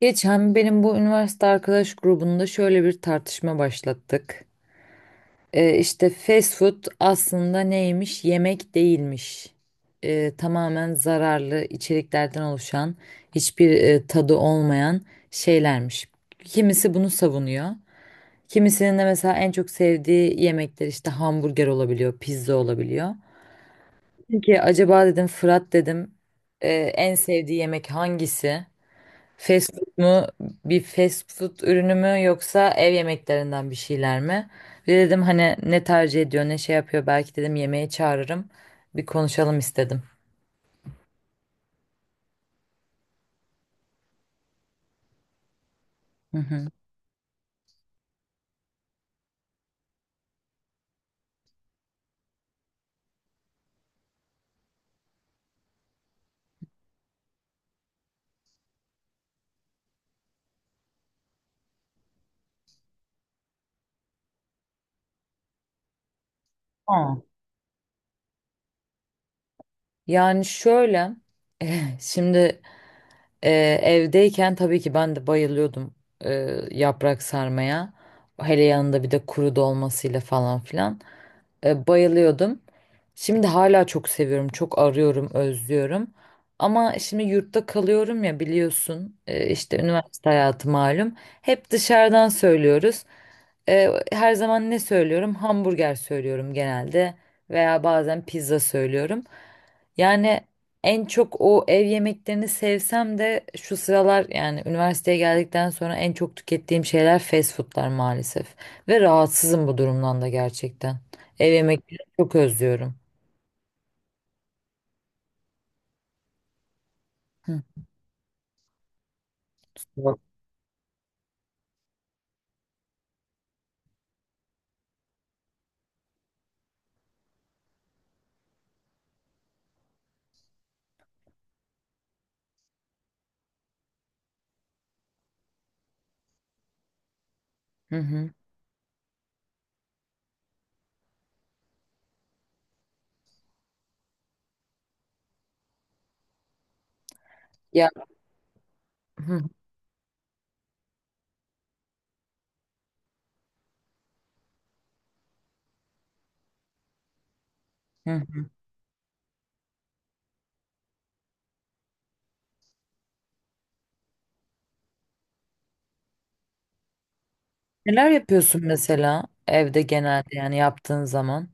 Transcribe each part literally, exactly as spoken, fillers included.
Geçen benim bu üniversite arkadaş grubunda şöyle bir tartışma başlattık. Ee, işte fast food aslında neymiş? Yemek değilmiş. Ee, tamamen zararlı içeriklerden oluşan hiçbir e, tadı olmayan şeylermiş. Kimisi bunu savunuyor. Kimisinin de mesela en çok sevdiği yemekler işte hamburger olabiliyor, pizza olabiliyor. Peki acaba dedim Fırat dedim e, en sevdiği yemek hangisi? Fast food mu? Bir fast food ürünü mü yoksa ev yemeklerinden bir şeyler mi? Bir de dedim hani ne tercih ediyor, ne şey yapıyor, belki dedim yemeğe çağırırım. Bir konuşalım istedim. Hı hı. Aa. Yani şöyle, şimdi e, evdeyken tabii ki ben de bayılıyordum e, yaprak sarmaya. Hele yanında bir de kuru dolmasıyla falan filan. E, bayılıyordum. Şimdi hala çok seviyorum, çok arıyorum, özlüyorum. Ama şimdi yurtta kalıyorum ya biliyorsun, e, işte üniversite hayatı malum. Hep dışarıdan söylüyoruz. E, her zaman ne söylüyorum? Hamburger söylüyorum genelde veya bazen pizza söylüyorum. Yani en çok o ev yemeklerini sevsem de şu sıralar, yani üniversiteye geldikten sonra en çok tükettiğim şeyler fast foodlar maalesef. Ve rahatsızım bu durumdan da gerçekten. Ev yemekleri çok özlüyorum. Hı hı. hı. Ya, hı hı. hı. Neler yapıyorsun mesela evde genelde, yani yaptığın zaman?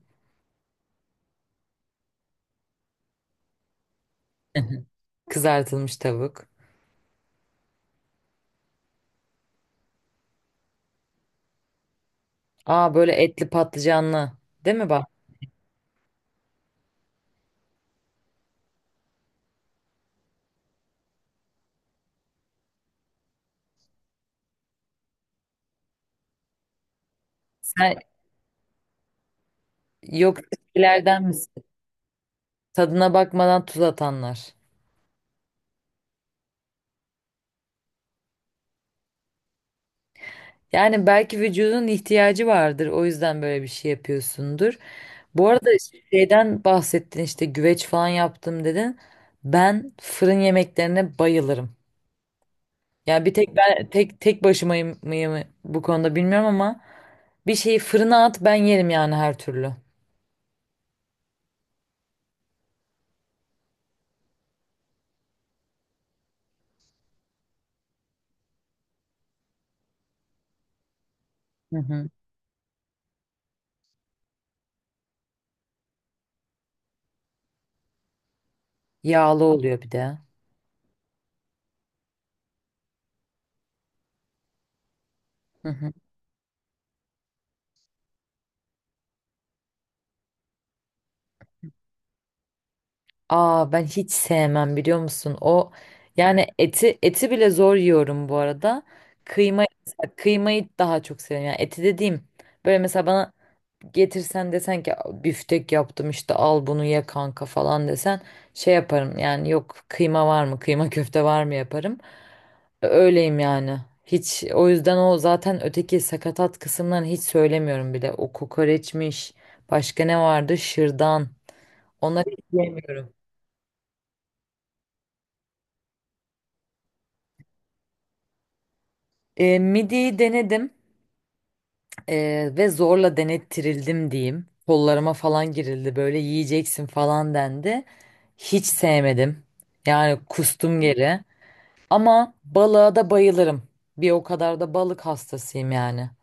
Kızartılmış tavuk. Aa, böyle etli patlıcanlı. Değil mi, bak? Sen, yok, ilerden misin? Tadına bakmadan tuz atanlar. Yani belki vücudun ihtiyacı vardır. O yüzden böyle bir şey yapıyorsundur. Bu arada şeyden bahsettin, işte güveç falan yaptım dedin. Ben fırın yemeklerine bayılırım. Yani bir tek ben tek tek başımayım mıyım bu konuda bilmiyorum, ama bir şeyi fırına at ben yerim yani, her türlü. Hı hı. Yağlı oluyor bir de. Hı hı. Aa, ben hiç sevmem biliyor musun? O, yani eti eti bile zor yiyorum bu arada. Kıyma kıymayı daha çok seviyorum. Yani eti dediğim, böyle mesela bana getirsen, desen ki büftek yaptım işte al bunu ye kanka falan desen, şey yaparım yani, yok kıyma var mı, kıyma köfte var mı yaparım. Öyleyim yani. Hiç o yüzden o zaten öteki sakatat kısımlarını hiç söylemiyorum bile. O kokoreçmiş. Başka ne vardı? Şırdan. Ona hiç yemiyorum. E, midiyi denedim, e, ve zorla denettirildim diyeyim. Kollarıma falan girildi, böyle yiyeceksin falan dendi. Hiç sevmedim. Yani kustum geri. Ama balığa da bayılırım. Bir o kadar da balık hastasıyım yani.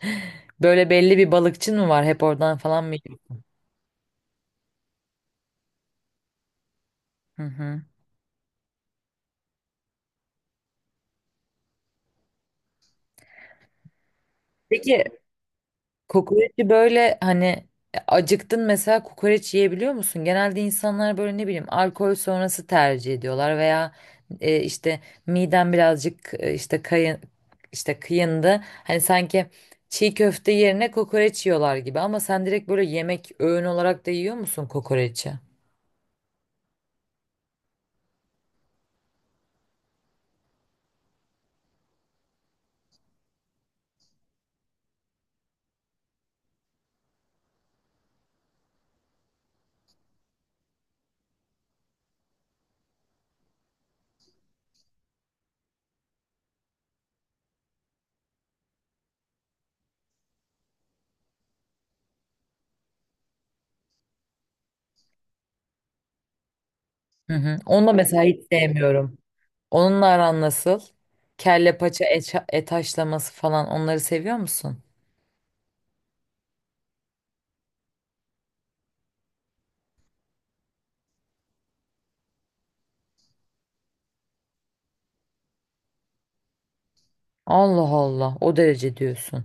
Böyle belli bir balıkçın mı var? Hep oradan falan mı yiyor? Hı hı. Peki kokoreçi böyle, hani acıktın mesela kokoreç yiyebiliyor musun? Genelde insanlar böyle, ne bileyim, alkol sonrası tercih ediyorlar veya e, işte midem birazcık e, işte kayın, işte kıyındı. Hani sanki çiğ köfte yerine kokoreç yiyorlar gibi, ama sen direkt böyle yemek, öğün olarak da yiyor musun kokoreçi? Hı hı. Onu da mesela hiç sevmiyorum. Onunla aran nasıl? Kelle paça, et, et haşlaması falan onları seviyor musun? Allah Allah, o derece diyorsun.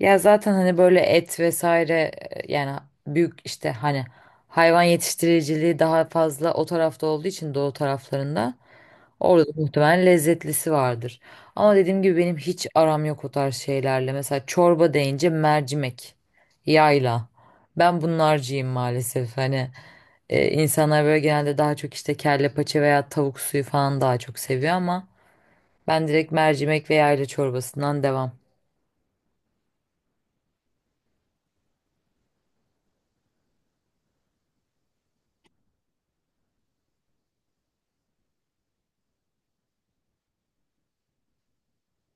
Ya zaten hani böyle et vesaire, e, yani büyük, işte hani hayvan yetiştiriciliği daha fazla o tarafta olduğu için doğu taraflarında, orada da muhtemelen lezzetlisi vardır. Ama dediğim gibi benim hiç aram yok o tarz şeylerle. Mesela çorba deyince mercimek, yayla. Ben bunlarcıyım maalesef. Hani e, insanlar böyle genelde daha çok işte kelle paça veya tavuk suyu falan daha çok seviyor, ama ben direkt mercimek ve yayla çorbasından devam.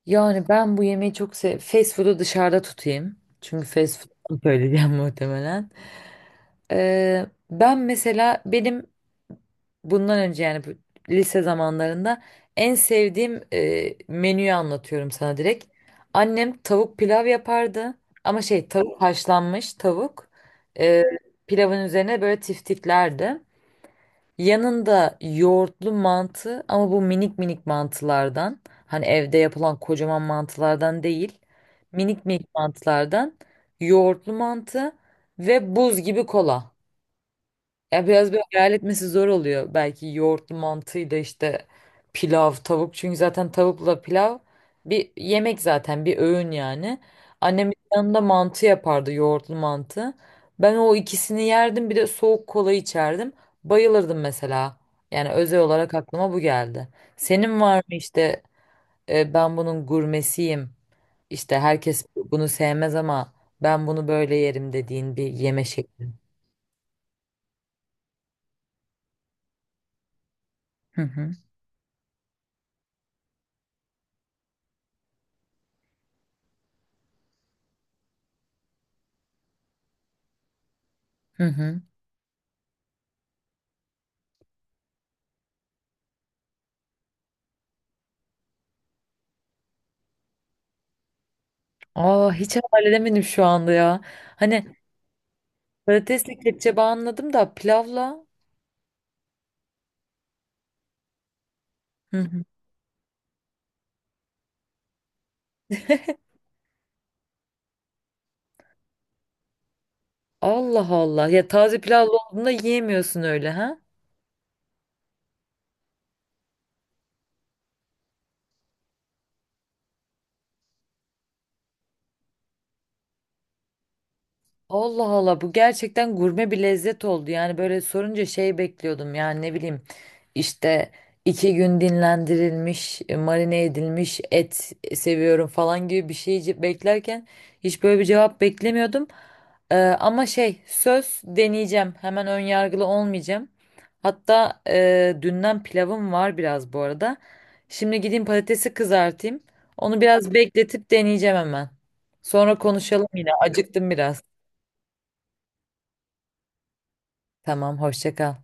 Yani ben bu yemeği çok sev fast food'u dışarıda tutayım. Çünkü fast food'u söyleyeceğim muhtemelen. Ee, ben mesela, benim bundan önce, yani bu lise zamanlarında en sevdiğim e, menüyü anlatıyorum sana direkt. Annem tavuk pilav yapardı, ama şey, tavuk, haşlanmış tavuk. Ee, pilavın üzerine böyle tiftiklerdi. Yanında yoğurtlu mantı, ama bu minik minik mantılardan. Hani evde yapılan kocaman mantılardan değil. Minik minik mantılardan yoğurtlu mantı ve buz gibi kola. Ya biraz böyle hayal etmesi zor oluyor. Belki yoğurtlu mantıyla işte pilav, tavuk. Çünkü zaten tavukla pilav bir yemek, zaten bir öğün yani. Annemin yanında mantı yapardı, yoğurtlu mantı. Ben o ikisini yerdim, bir de soğuk kola içerdim. Bayılırdım mesela. Yani özel olarak aklıma bu geldi. Senin var mı işte, e, ben bunun gurmesiyim. İşte herkes bunu sevmez, ama ben bunu böyle yerim dediğin bir yeme şekli. Hı hı. Hı hı. Aa, hiç hayal edemedim şu anda ya. Hani patatesli kepçe bağı anladım da, pilavla. Hı hı. Allah Allah. Ya, taze pilavlı olduğunda yiyemiyorsun öyle ha? Allah Allah, bu gerçekten gurme bir lezzet oldu. Yani böyle sorunca şey bekliyordum, yani ne bileyim işte iki gün dinlendirilmiş, e, marine edilmiş et seviyorum falan gibi bir şey ce- beklerken, hiç böyle bir cevap beklemiyordum. Ee, ama şey, söz deneyeceğim hemen, ön yargılı olmayacağım. Hatta e, dünden pilavım var biraz bu arada. Şimdi gideyim patatesi kızartayım. Onu biraz bekletip deneyeceğim hemen. Sonra konuşalım yine. Acıktım biraz. Tamam, hoşça kal.